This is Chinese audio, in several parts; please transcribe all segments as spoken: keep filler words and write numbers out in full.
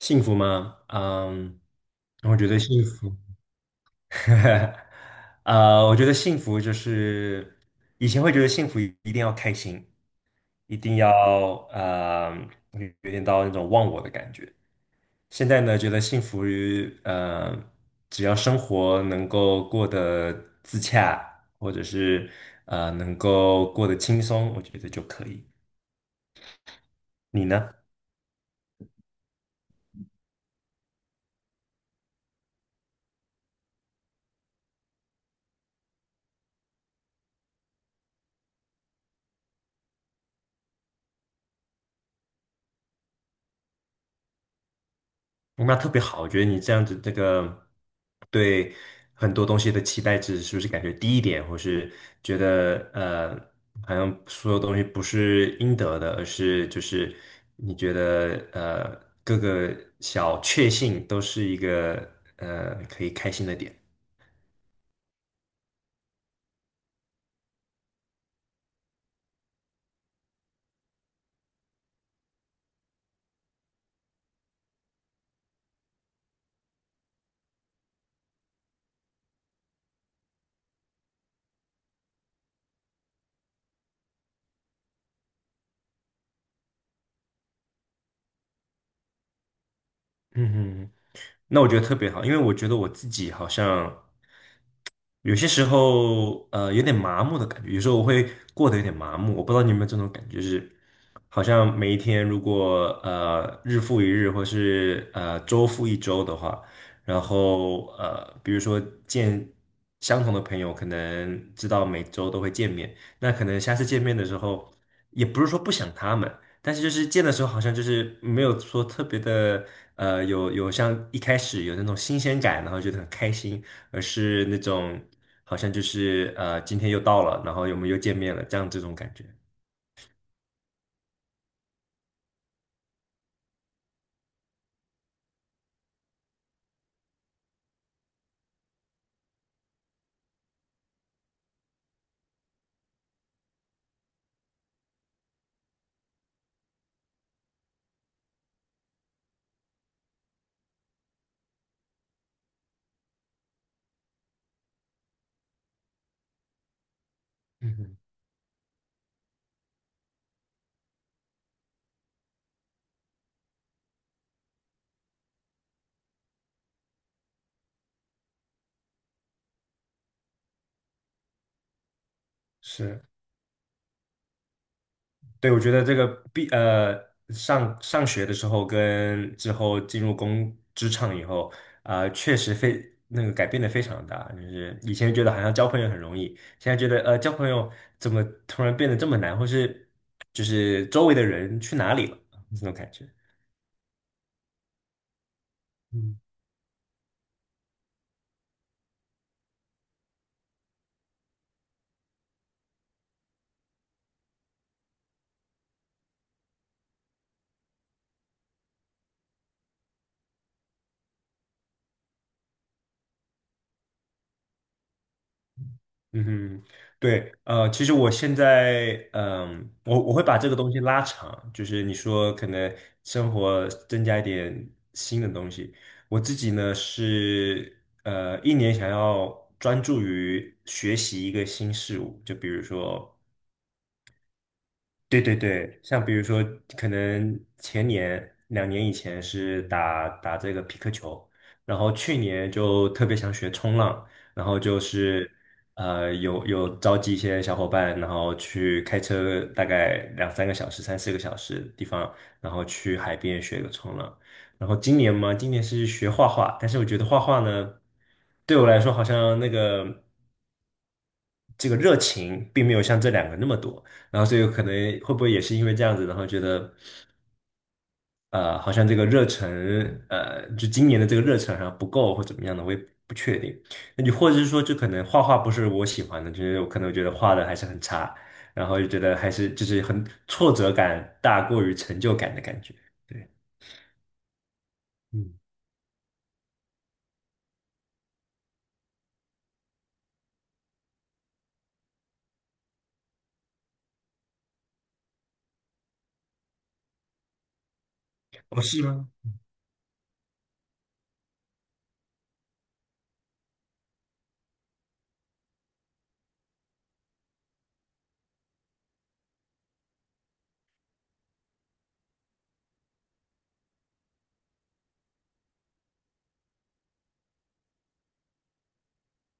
幸福吗？嗯，我觉得幸福，呃，我觉得幸福就是以前会觉得幸福一定要开心，一定要呃，有点到那种忘我的感觉。现在呢，觉得幸福于呃，只要生活能够过得自洽，或者是呃能够过得轻松，我觉得就可以。你呢？那特别好，我觉得你这样子，这个对很多东西的期待值是不是感觉低一点，或是觉得呃，好像所有东西不是应得的，而是就是你觉得呃，各个小确幸都是一个呃可以开心的点。嗯哼，那我觉得特别好，因为我觉得我自己好像。有些时候，呃，有点麻木的感觉，有时候我会过得有点麻木，我不知道你有没有这种感觉，就是好像每一天如果呃日复一日，或是呃周复一周的话，然后呃，比如说见相同的朋友，可能知道每周都会见面，那可能下次见面的时候，也不是说不想他们，但是就是见的时候好像就是没有说特别的，呃，有有像一开始有那种新鲜感，然后觉得很开心。而是那种好像就是呃，今天又到了，然后我们又见面了，这样这种感觉。嗯哼，是，对，我觉得这个毕呃上上学的时候跟之后进入工职场以后，啊、确实非那个改变的非常大。就是以前觉得好像交朋友很容易，现在觉得呃交朋友怎么突然变得这么难，或是就是周围的人去哪里了这种感觉。嗯。嗯哼，对，呃，其实我现在，嗯、我我会把这个东西拉长，就是你说可能生活增加一点新的东西。我自己呢是，呃，一年想要专注于学习一个新事物，就比如说对对对，像比如说，可能前年两年以前是打打这个皮克球，然后去年就特别想学冲浪，然后就是呃有有召集一些小伙伴，然后去开车大概两三个小时、三四个小时的地方，然后去海边学个冲浪。然后今年嘛，今年是学画画，但是我觉得画画呢，对我来说好像那个。这个热情并没有像这两个那么多，然后所以可能会不会也是因为这样子，然后觉得呃好像这个热忱呃就今年的这个热忱好像不够或怎么样的，我也不确定。那你或者是说就可能画画不是我喜欢的，就是我可能觉得画的还是很差，然后就觉得还是就是很挫折感大过于成就感的感觉。对，嗯，哦，是吗？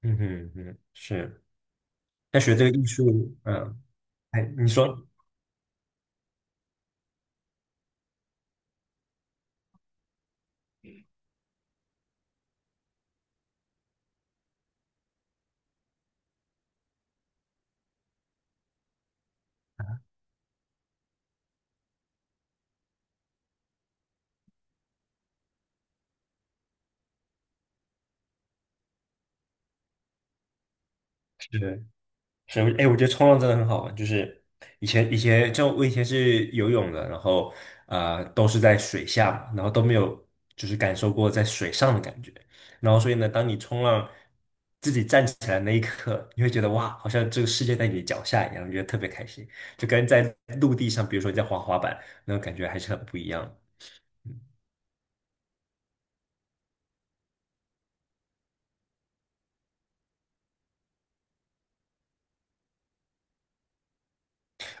嗯哼嗯，是。那学这个艺术，嗯，哎，你说是。是，哎，我觉得冲浪真的很好玩。就是以前以前就我以前是游泳的，然后啊、呃都是在水下嘛，然后都没有就是感受过在水上的感觉。然后所以呢，当你冲浪自己站起来那一刻，你会觉得哇，好像这个世界在你脚下一样，觉得特别开心，就跟在陆地上，比如说你在滑滑板，那种感觉还是很不一样的。嗯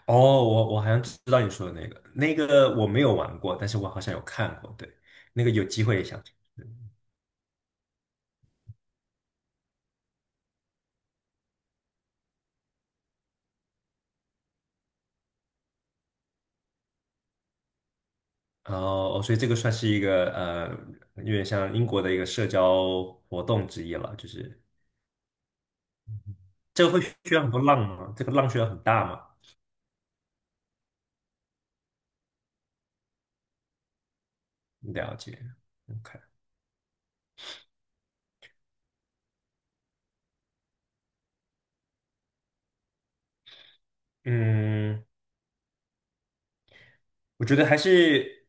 哦，我我好像知道你说的那个，那个我没有玩过，但是我好像有看过，对，那个有机会也想去。哦，所以这个算是一个呃，有点像英国的一个社交活动之一了，就是这个会需要很多浪吗？这个浪需要很大吗？了解，OK，嗯。我觉得还是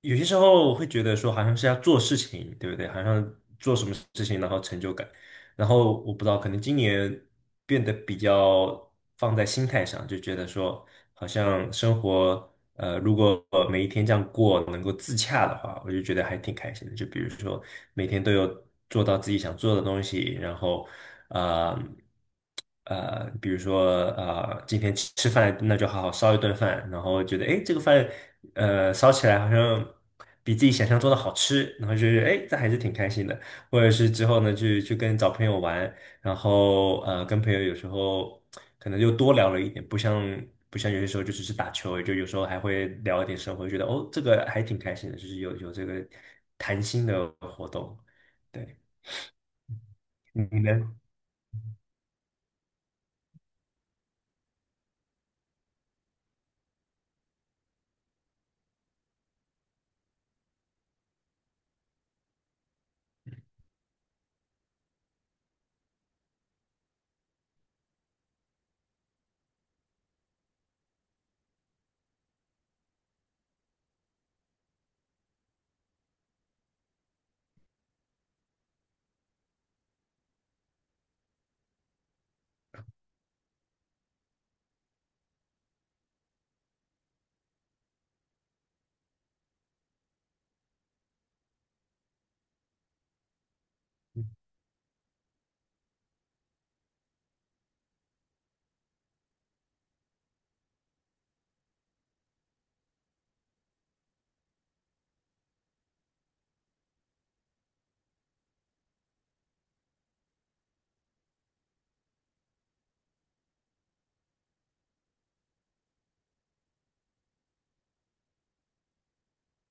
有些时候我会觉得说，好像是要做事情，对不对？好像做什么事情，然后成就感。然后我不知道，可能今年变得比较放在心态上，就觉得说，好像生活，呃，如果呃每一天这样过，能够自洽的话，我就觉得还挺开心的。就比如说每天都有做到自己想做的东西，然后，啊。呃，比如说呃，今天吃吃饭，那就好好烧一顿饭，然后觉得诶，这个饭呃烧起来好像比自己想象中的好吃，然后就是诶，这还是挺开心的。或者是之后呢，去去跟找朋友玩，然后呃，跟朋友有时候可能又多聊了一点，不像不像有些时候就只是打球而已就有时候还会聊一点生活，觉得哦，这个还挺开心的，就是有有这个谈心的活动。对，你呢？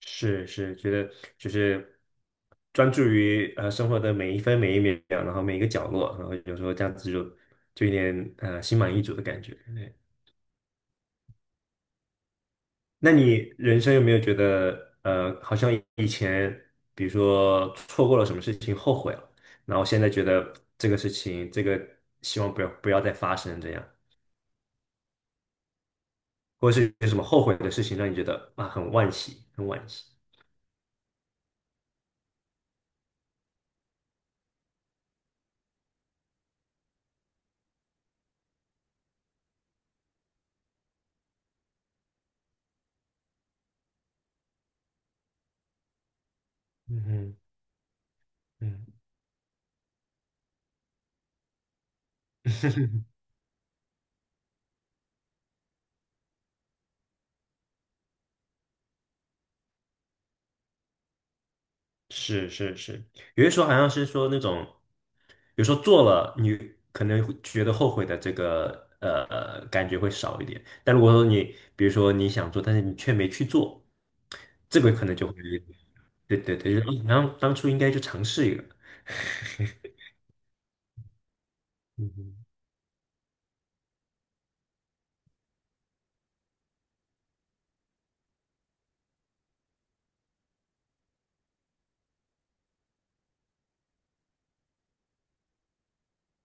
是是，觉得就是专注于呃生活的每一分每一秒，然后每一个角落，然后有时候这样子就就有点呃心满意足的感觉。对，那你人生有没有觉得呃好像以前比如说错过了什么事情后悔了，然后现在觉得这个事情这个希望不要不要再发生这样，或者是有什么后悔的事情让你觉得啊很惋惜，很惋惜。嗯哼嗯。是是是，有些时候好像是说那种，有时候做了你可能会觉得后悔的这个呃感觉会少一点，但如果说你比如说你想做，但是你却没去做，这个可能就会，对对对，就是嗯好像当初应该去尝试一个，嗯哼，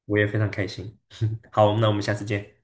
我也非常开心。好，那我们下次见。